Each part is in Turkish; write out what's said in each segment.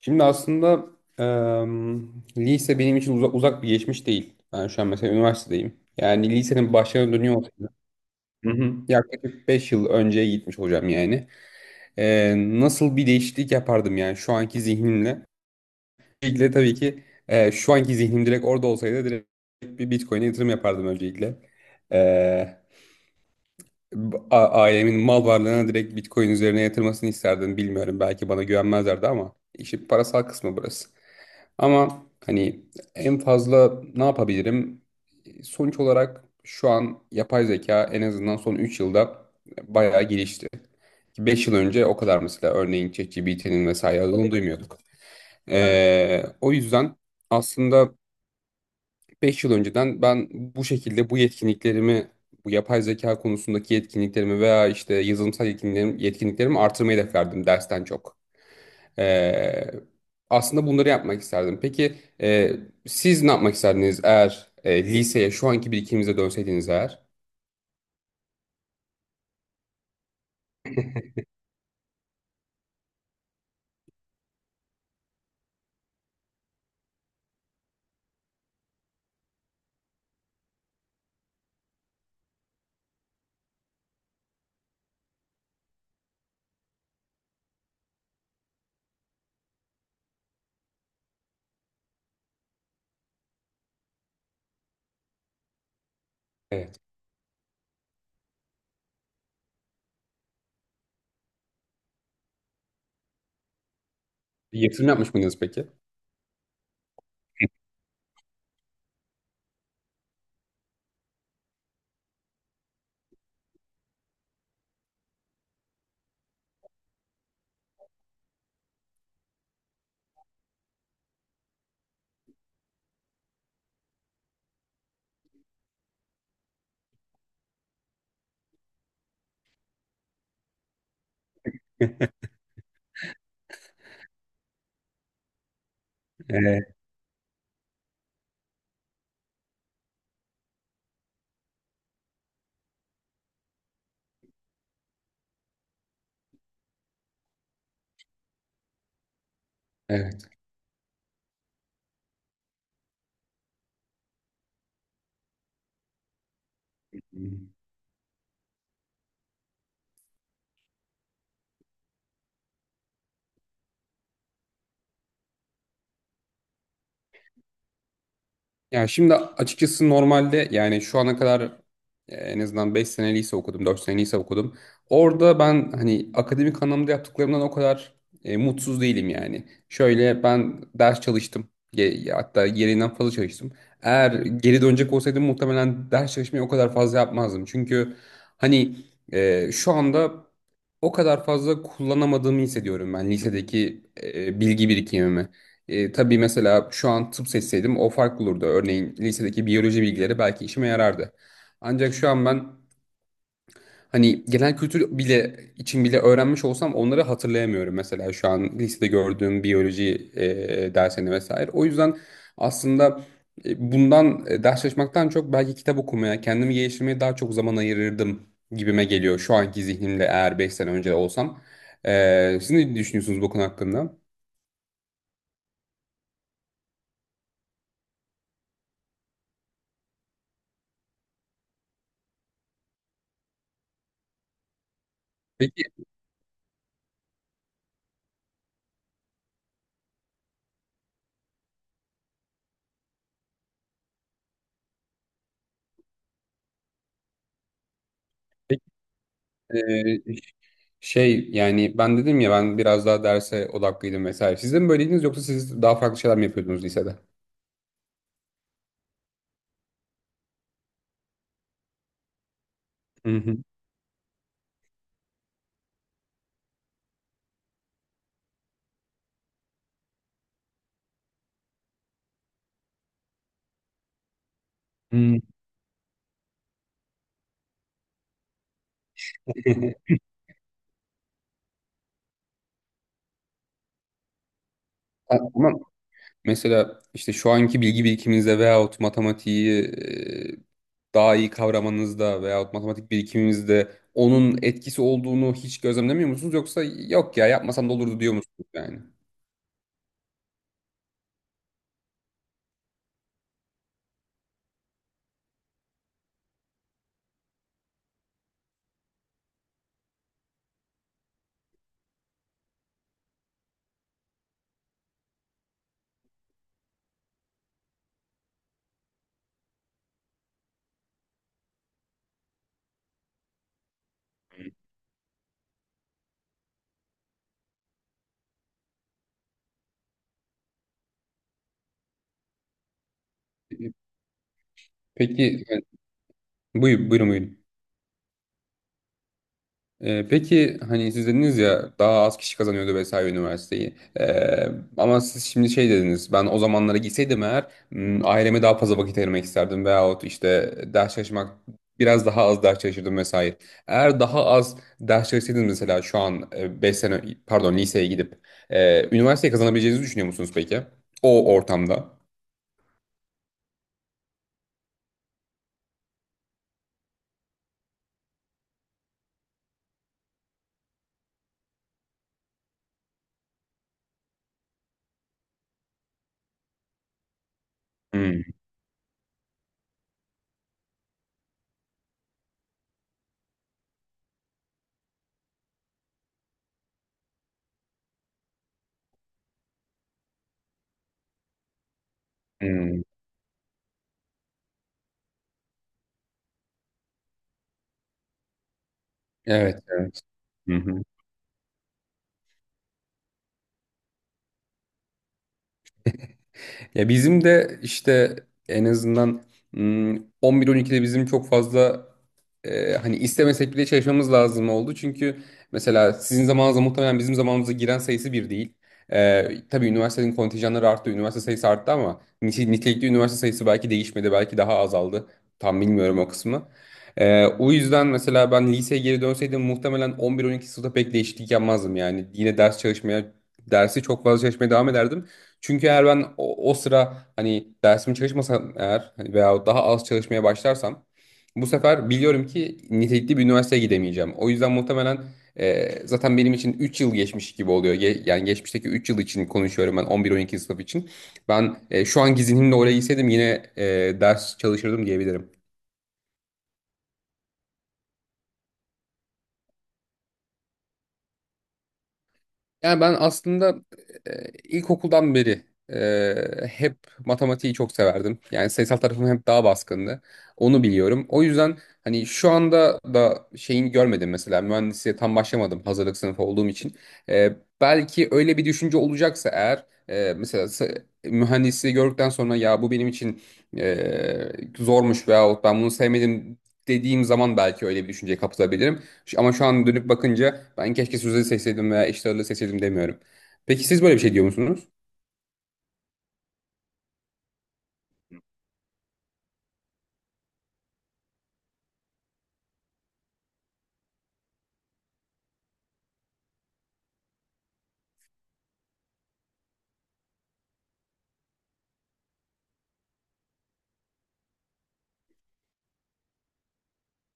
Şimdi aslında lise benim için uzak, uzak bir geçmiş değil. Ben şu an mesela üniversitedeyim. Yani lisenin başlarına dönüyor olsaydım. Hı hı. Yaklaşık 5 yıl önceye gitmiş hocam yani. Nasıl bir değişiklik yapardım yani şu anki zihnimle. Öncelikle tabii ki şu anki zihnim direkt orada olsaydı direkt bir Bitcoin'e yatırım yapardım öncelikle. Eee, Ailemin mal varlığına direkt Bitcoin üzerine yatırmasını isterdim. Bilmiyorum, belki bana güvenmezlerdi ama işin parasal kısmı burası. Ama hani en fazla ne yapabilirim? Sonuç olarak şu an yapay zeka en azından son 3 yılda bayağı gelişti. 5 yıl önce o kadar mesela örneğin ChatGPT'nin vesaire adını duymuyorduk. O yüzden aslında 5 yıl önceden ben bu şekilde bu yetkinliklerimi, bu yapay zeka konusundaki yetkinliklerimi veya işte yazılımsal yetkinliklerimi, yetkinliklerimi artırmayı hedeflerdim dersten çok. Ee, Aslında bunları yapmak isterdim. Peki e, siz ne yapmak isterdiniz eğer liseye şu anki birikiminize dönseydiniz eğer? Evet. Bir yatırım yapmış mıydınız peki? Evet. Evet. Ya şimdi açıkçası normalde yani şu ana kadar en azından 5 sene lise okudum, 4 sene lise okudum. Orada ben hani akademik anlamda yaptıklarımdan o kadar mutsuz değilim yani. Şöyle ben ders çalıştım. Hatta gereğinden fazla çalıştım. Eğer geri dönecek olsaydım muhtemelen ders çalışmayı o kadar fazla yapmazdım. Çünkü hani şu anda o kadar fazla kullanamadığımı hissediyorum ben lisedeki bilgi birikimimi. Tabii mesela şu an tıp seçseydim o farklı olurdu. Örneğin lisedeki biyoloji bilgileri belki işime yarardı. Ancak şu an ben hani genel kültür bile için bile öğrenmiş olsam onları hatırlayamıyorum. Mesela şu an lisede gördüğüm biyoloji dersini vesaire. O yüzden aslında bundan ders çalışmaktan çok belki kitap okumaya, kendimi geliştirmeye daha çok zaman ayırırdım gibime geliyor. Şu anki zihnimle eğer 5 sene önce olsam. Siz ne düşünüyorsunuz bu konu hakkında? Peki, peki. Şey yani ben dedim ya ben biraz daha derse odaklıydım vesaire. Siz de mi böyleydiniz yoksa siz daha farklı şeyler mi yapıyordunuz lisede? Hı hı. Hı. Ha, ama mesela işte şu anki bilgi birikiminizde veyahut matematiği daha iyi kavramanızda veyahut matematik birikiminizde onun etkisi olduğunu hiç gözlemlemiyor musunuz? Yoksa yok ya yapmasam da olurdu diyor musunuz yani? Peki yani, buyur, buyurun buyurun. Peki hani siz dediniz ya daha az kişi kazanıyordu vesaire üniversiteyi. Ama siz şimdi şey dediniz ben o zamanlara gitseydim eğer aileme daha fazla vakit ayırmak isterdim veyahut işte ders çalışmak biraz daha az ders çalışırdım vesaire. Eğer daha az ders çalışsaydınız mesela şu an 5 sene pardon liseye gidip üniversiteyi kazanabileceğinizi düşünüyor musunuz peki? O ortamda. Hmm, hmm. Evet, evet. Ya bizim de işte en azından mm, 11-12'de bizim çok fazla hani istemesek bile çalışmamız lazım oldu. Çünkü mesela sizin zamanınızda muhtemelen bizim zamanımıza giren sayısı bir değil. Tabii üniversitenin kontenjanları arttı, üniversite sayısı arttı ama nitelikli üniversite sayısı belki değişmedi, belki daha azaldı. Tam bilmiyorum o kısmı. O yüzden mesela ben liseye geri dönseydim muhtemelen 11-12 sınıfta pek değişiklik yapmazdım yani. Yine ders çalışmaya, dersi çok fazla çalışmaya devam ederdim. Çünkü eğer ben o sıra hani dersimi çalışmasam eğer hani veya daha az çalışmaya başlarsam bu sefer biliyorum ki nitelikli bir üniversiteye gidemeyeceğim. O yüzden muhtemelen zaten benim için 3 yıl geçmiş gibi oluyor. Yani geçmişteki 3 yıl için konuşuyorum ben 11-12 sınıf için. Ben şu anki zihnimle oraya gitseydim yine ders çalışırdım diyebilirim. Yani ben aslında ilkokuldan beri hep matematiği çok severdim. Yani sayısal tarafım hep daha baskındı. Onu biliyorum. O yüzden hani şu anda da şeyini görmedim mesela. Mühendisliğe tam başlamadım hazırlık sınıfı olduğum için. E, Belki öyle bir düşünce olacaksa eğer mesela mühendisliği gördükten sonra ya bu benim için e, zormuş veyahut ben bunu sevmedim dediğim zaman belki öyle bir düşünceye kapılabilirim. Ama şu an dönüp bakınca ben keşke Suze'yi seçseydim veya Eşli Ağırlığı seçseydim demiyorum. Peki siz böyle bir şey diyor musunuz?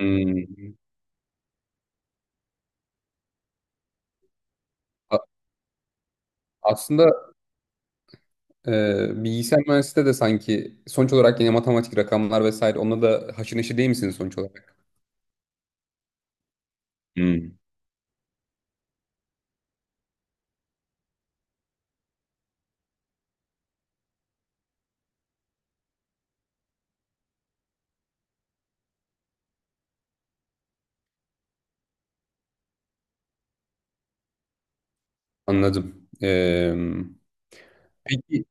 Hmm. A- Aslında bilgisayar mühendisliğinde de sanki sonuç olarak yine matematik, rakamlar vesaire onunla da haşır neşir değil misiniz sonuç olarak? Hmm. Anladım. Peki.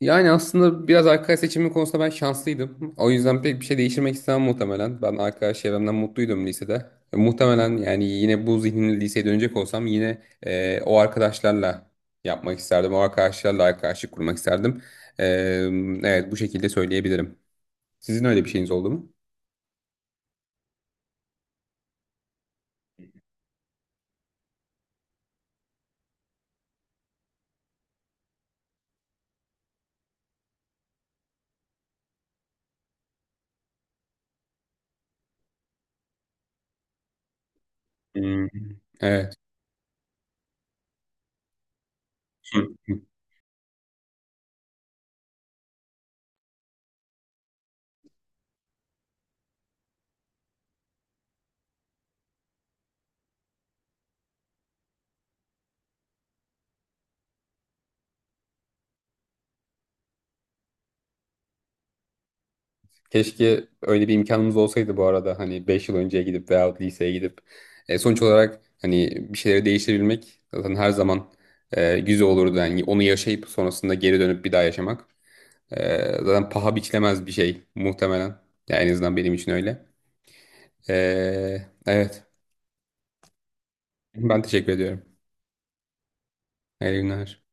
Yani aslında biraz arkadaş seçimi konusunda ben şanslıydım. O yüzden pek bir şey değiştirmek istemem muhtemelen. Ben arkadaş çevremden mutluydum lisede. Muhtemelen yani yine bu zihinle liseye dönecek olsam yine o arkadaşlarla yapmak isterdim. O arkadaşlarla arkadaşlık kurmak isterdim. E, evet, bu şekilde söyleyebilirim. Sizin öyle bir şeyiniz oldu mu? Hmm, evet. Keşke öyle bir imkanımız olsaydı bu arada hani 5 yıl önceye gidip veyahut liseye gidip. Sonuç olarak hani bir şeyleri değiştirebilmek zaten her zaman güzel olurdu. Yani onu yaşayıp sonrasında geri dönüp bir daha yaşamak. Zaten paha biçilemez bir şey muhtemelen. Yani en azından benim için öyle. E, evet, ben teşekkür ediyorum. Hayırlı günler.